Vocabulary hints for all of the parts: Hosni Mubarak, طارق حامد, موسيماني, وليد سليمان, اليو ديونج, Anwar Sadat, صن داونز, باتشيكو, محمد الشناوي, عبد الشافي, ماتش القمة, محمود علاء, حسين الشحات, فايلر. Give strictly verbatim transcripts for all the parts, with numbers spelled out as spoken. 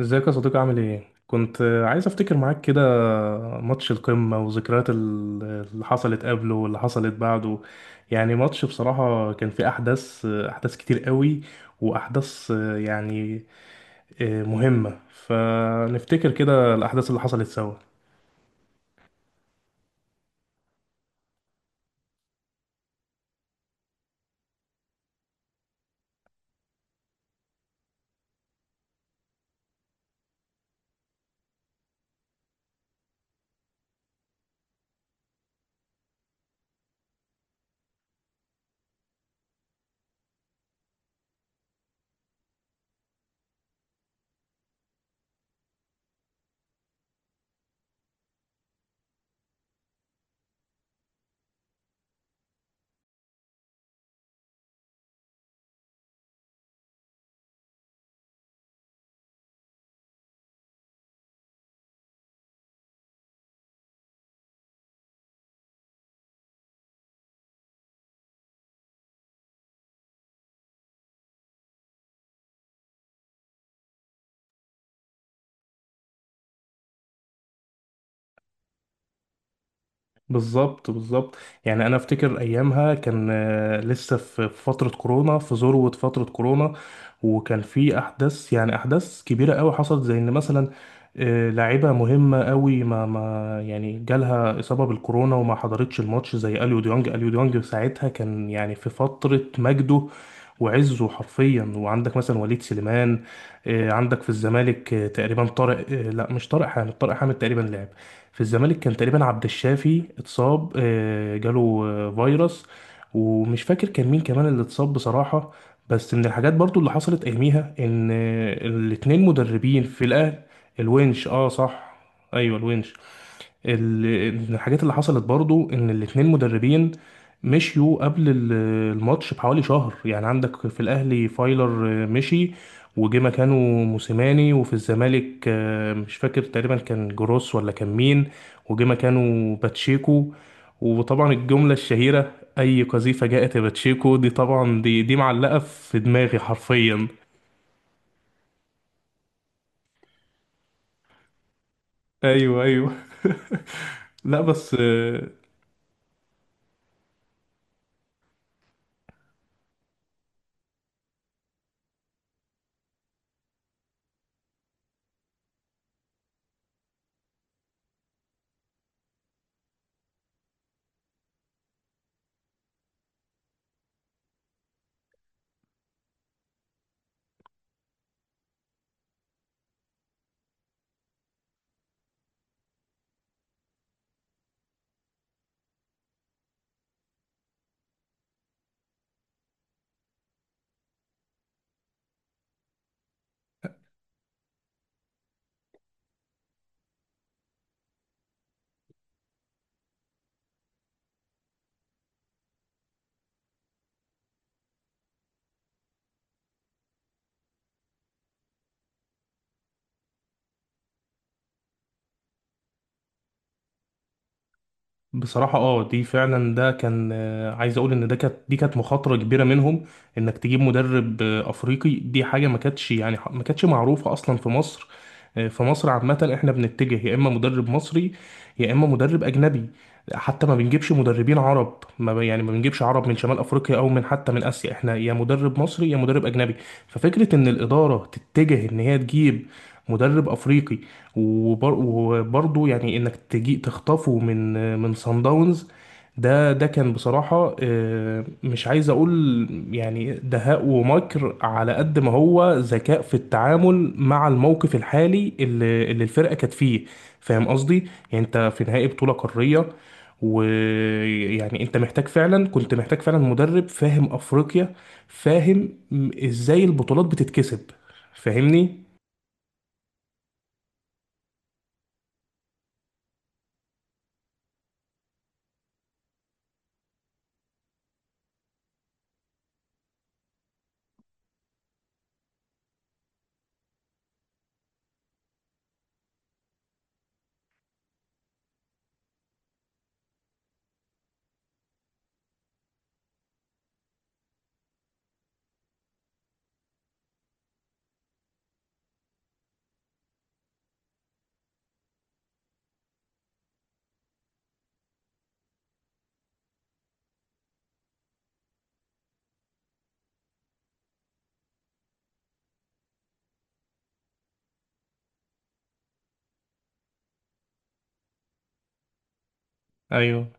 ازيك يا صديقي؟ عامل ايه؟ كنت عايز افتكر معاك كده ماتش القمة وذكريات ال- اللي حصلت قبله واللي حصلت بعده. يعني ماتش بصراحة كان فيه احداث احداث كتير قوي، واحداث، يعني آه، مهمة، فنفتكر كده الاحداث اللي حصلت سوا. بالظبط بالظبط. يعني انا افتكر ايامها كان آه، لسه في في فتره كورونا، في ذروه فتره كورونا، وكان في احداث، يعني احداث كبيره قوي حصلت، زي ان مثلا آه، لاعيبه مهمه قوي ما ما يعني جالها اصابه بالكورونا وما حضرتش الماتش، زي اليو ديونج اليو ديونج ساعتها كان يعني في فتره مجده وعزه حرفيا. وعندك مثلا وليد سليمان، آه، عندك في الزمالك آه، تقريبا طارق، آه، لا مش طارق حامد، طارق حامد تقريبا لعب في الزمالك. كان تقريبا عبد الشافي اتصاب، آه، جاله آه، فيروس، ومش فاكر كان مين كمان اللي اتصاب بصراحة. بس من الحاجات برضو اللي حصلت اياميها ان آه، الاتنين مدربين في الاهلي. الونش، اه صح. ايوه الونش. ال- الحاجات اللي حصلت برضو ان الاتنين مدربين مشيوا قبل ال- الماتش بحوالي شهر. يعني عندك في الاهلي فايلر آه، مشي وجه مكانه موسيماني، وفي الزمالك آه، مش فاكر، تقريبا كان جروس ولا كان مين، وجه مكانه باتشيكو. وطبعا الجملة الشهيرة، اي قذيفة جاءت يا باتشيكو، دي طبعا دي دي معلقة في دماغي حرفيا. ايوه ايوه لا بس آه، بصراحة اه، دي فعلا ده كان آه، عايز اقول ان ده كانت دي كانت مخاطرة كبيرة منهم. انك تجيب مدرب آه، افريقي، دي حاجة ما كانتش يعني ما كانتش معروفة اصلا في مصر. آه، في مصر عامة احنا بنتجه يا اما مدرب مصري يا اما مدرب اجنبي. حتى ما بنجيبش مدربين عرب، ما ب- يعني ما بنجيبش عرب من شمال افريقيا او من، حتى من اسيا. احنا يا مدرب مصري يا مدرب اجنبي. ففكرة ان الادارة تتجه ان هي تجيب مدرب افريقي، وبر... وبرضه يعني انك تجي تخطفه من من صن داونز، ده ده كان بصراحة، آه، مش عايز اقول يعني دهاء ومكر، على قد ما هو ذكاء في التعامل مع الموقف الحالي اللي, اللي الفرقة كانت فيه. فاهم قصدي؟ يعني انت في نهائي بطولة قارية، ويعني انت محتاج فعلا، كنت محتاج فعلا مدرب فاهم افريقيا، فاهم ازاي البطولات بتتكسب. فاهمني؟ ايوه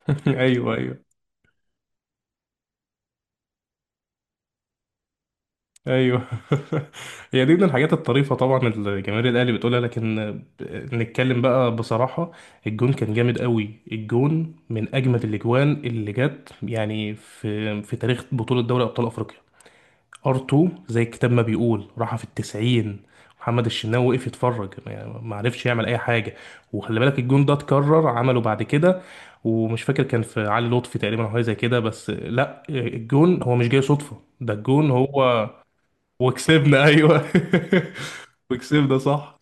ايوه ايوه ايوه هي دي من الحاجات الطريفه طبعا اللي جماهير الاهلي بتقولها، لكن ب- نتكلم بقى بصراحه، الجون كان جامد قوي، الجون من اجمد الاجوان اللي جت يعني في في تاريخ بطوله دوري ابطال افريقيا. ار2 زي الكتاب ما بيقول، راحه في التسعين. محمد الشناوي وقف يتفرج، يعني ما عرفش يعمل اي حاجه. وخلي بالك الجون ده اتكرر عمله بعد كده، ومش فاكر كان في علي لطفي تقريبا او حاجه زي كده، بس لا، الجون هو مش جاي صدفه، ده الجون هو. وكسبنا، ايوه وكسبنا، صح.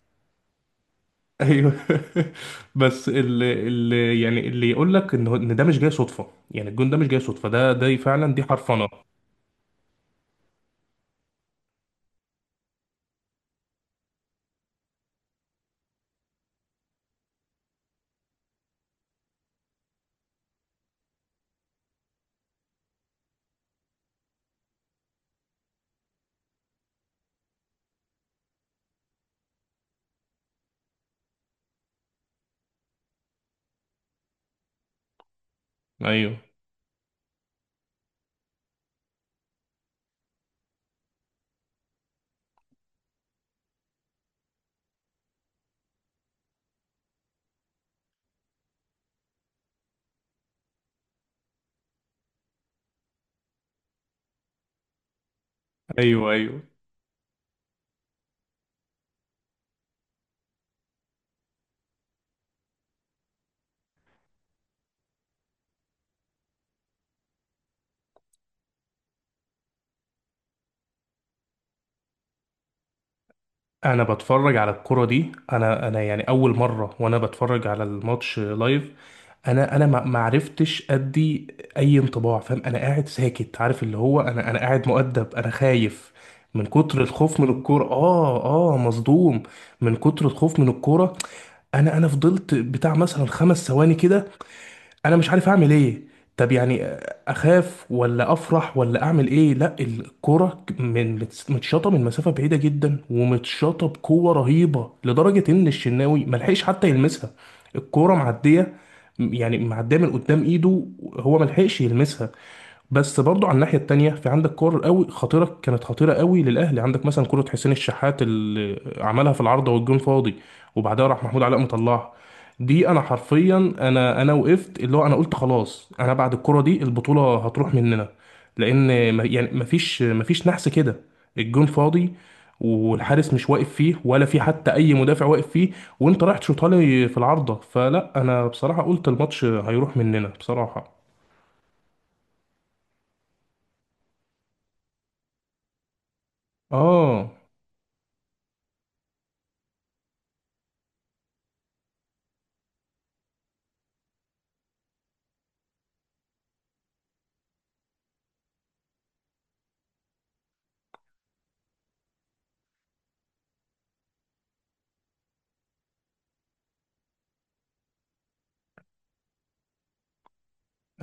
ايوه بس اللي, اللي يعني اللي يقول لك ان هو- ان ده مش جاي صدفه، يعني الجون ده مش جاي صدفه، ده ده فعلا دي حرفنه. ايوه ايوه. ايوه، انا بتفرج على الكرة دي، انا انا يعني اول مرة وانا بتفرج على الماتش لايف، انا انا ما ما عرفتش ادي اي انطباع. فاهم؟ انا قاعد ساكت، عارف اللي هو، انا انا قاعد مؤدب، انا خايف من كتر الخوف من الكورة. اه. اه، مصدوم من كتر الخوف من الكورة. انا انا فضلت بتاع مثلا خمس ثواني كده، انا مش عارف اعمل ايه. طب يعني اخاف ولا افرح ولا اعمل ايه؟ لا الكرة من متس- متشاطة من مسافة بعيدة جدا، ومتشاطة بقوة رهيبة، لدرجة ان الشناوي ملحقش حتى يلمسها. الكرة معدية، يعني معدية من قدام ايده، هو ملحقش يلمسها. بس برضو على الناحية التانية في عندك كور قوي خطيرة، كانت خطيرة قوي للأهلي. عندك مثلا كرة حسين الشحات اللي عملها في العارضة والجون فاضي، وبعدها راح محمود علاء مطلعها. دي أنا حرفيا، أنا أنا وقفت اللي هو، أنا قلت خلاص، أنا بعد الكرة دي البطولة هتروح مننا. لأن ما- يعني مفيش مفيش نحس كده، الجون فاضي، والحارس مش واقف فيه، ولا في حتى أي مدافع واقف فيه، وأنت رايح تشوطها لي في العارضة. فلا، أنا بصراحة قلت الماتش هيروح مننا بصراحة. آه.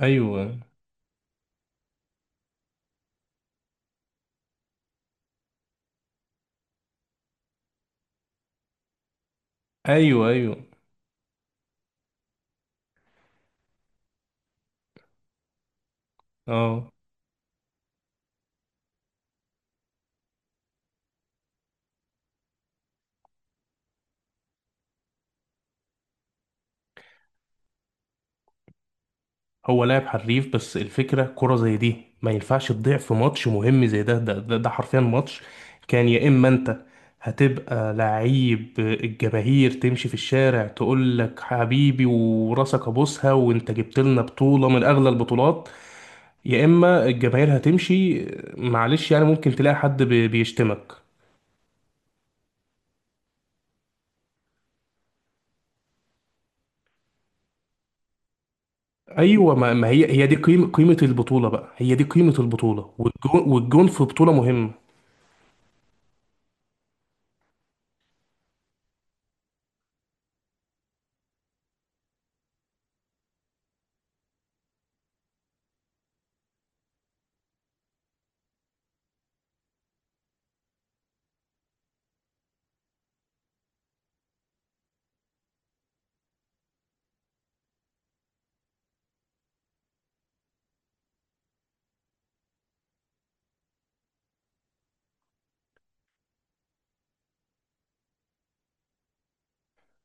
ايوه ايوه ايوه. اه، هو لاعب حريف، بس الفكره كره زي دي ما ينفعش تضيع في ماتش مهم زي ده ده ده, ده, حرفيا ماتش كان يا اما انت هتبقى لعيب الجماهير تمشي في الشارع تقول لك حبيبي وراسك ابوسها، وانت جبت لنا بطوله من اغلى البطولات، يا اما الجماهير هتمشي، معلش يعني ممكن تلاقي حد بي- بيشتمك. ايوه، ما ما هي هي دي قيمه قيمه البطوله بقى، هي دي قيمه البطوله، والجون والجون في بطوله مهمه.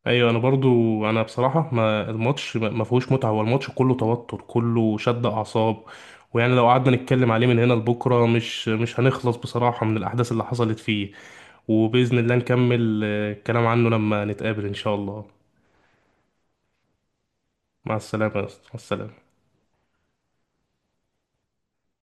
ايوه انا برضو، انا بصراحه ما الماتش ما ما فيهوش متعه، هو الماتش كله توتر، كله شد اعصاب. ويعني لو قعدنا نتكلم عليه من هنا لبكره مش مش هنخلص بصراحه من الاحداث اللي حصلت فيه. وباذن الله نكمل آه، الكلام عنه لما نتقابل ان شاء الله. مع السلامه يا أسطى. مع السلامه.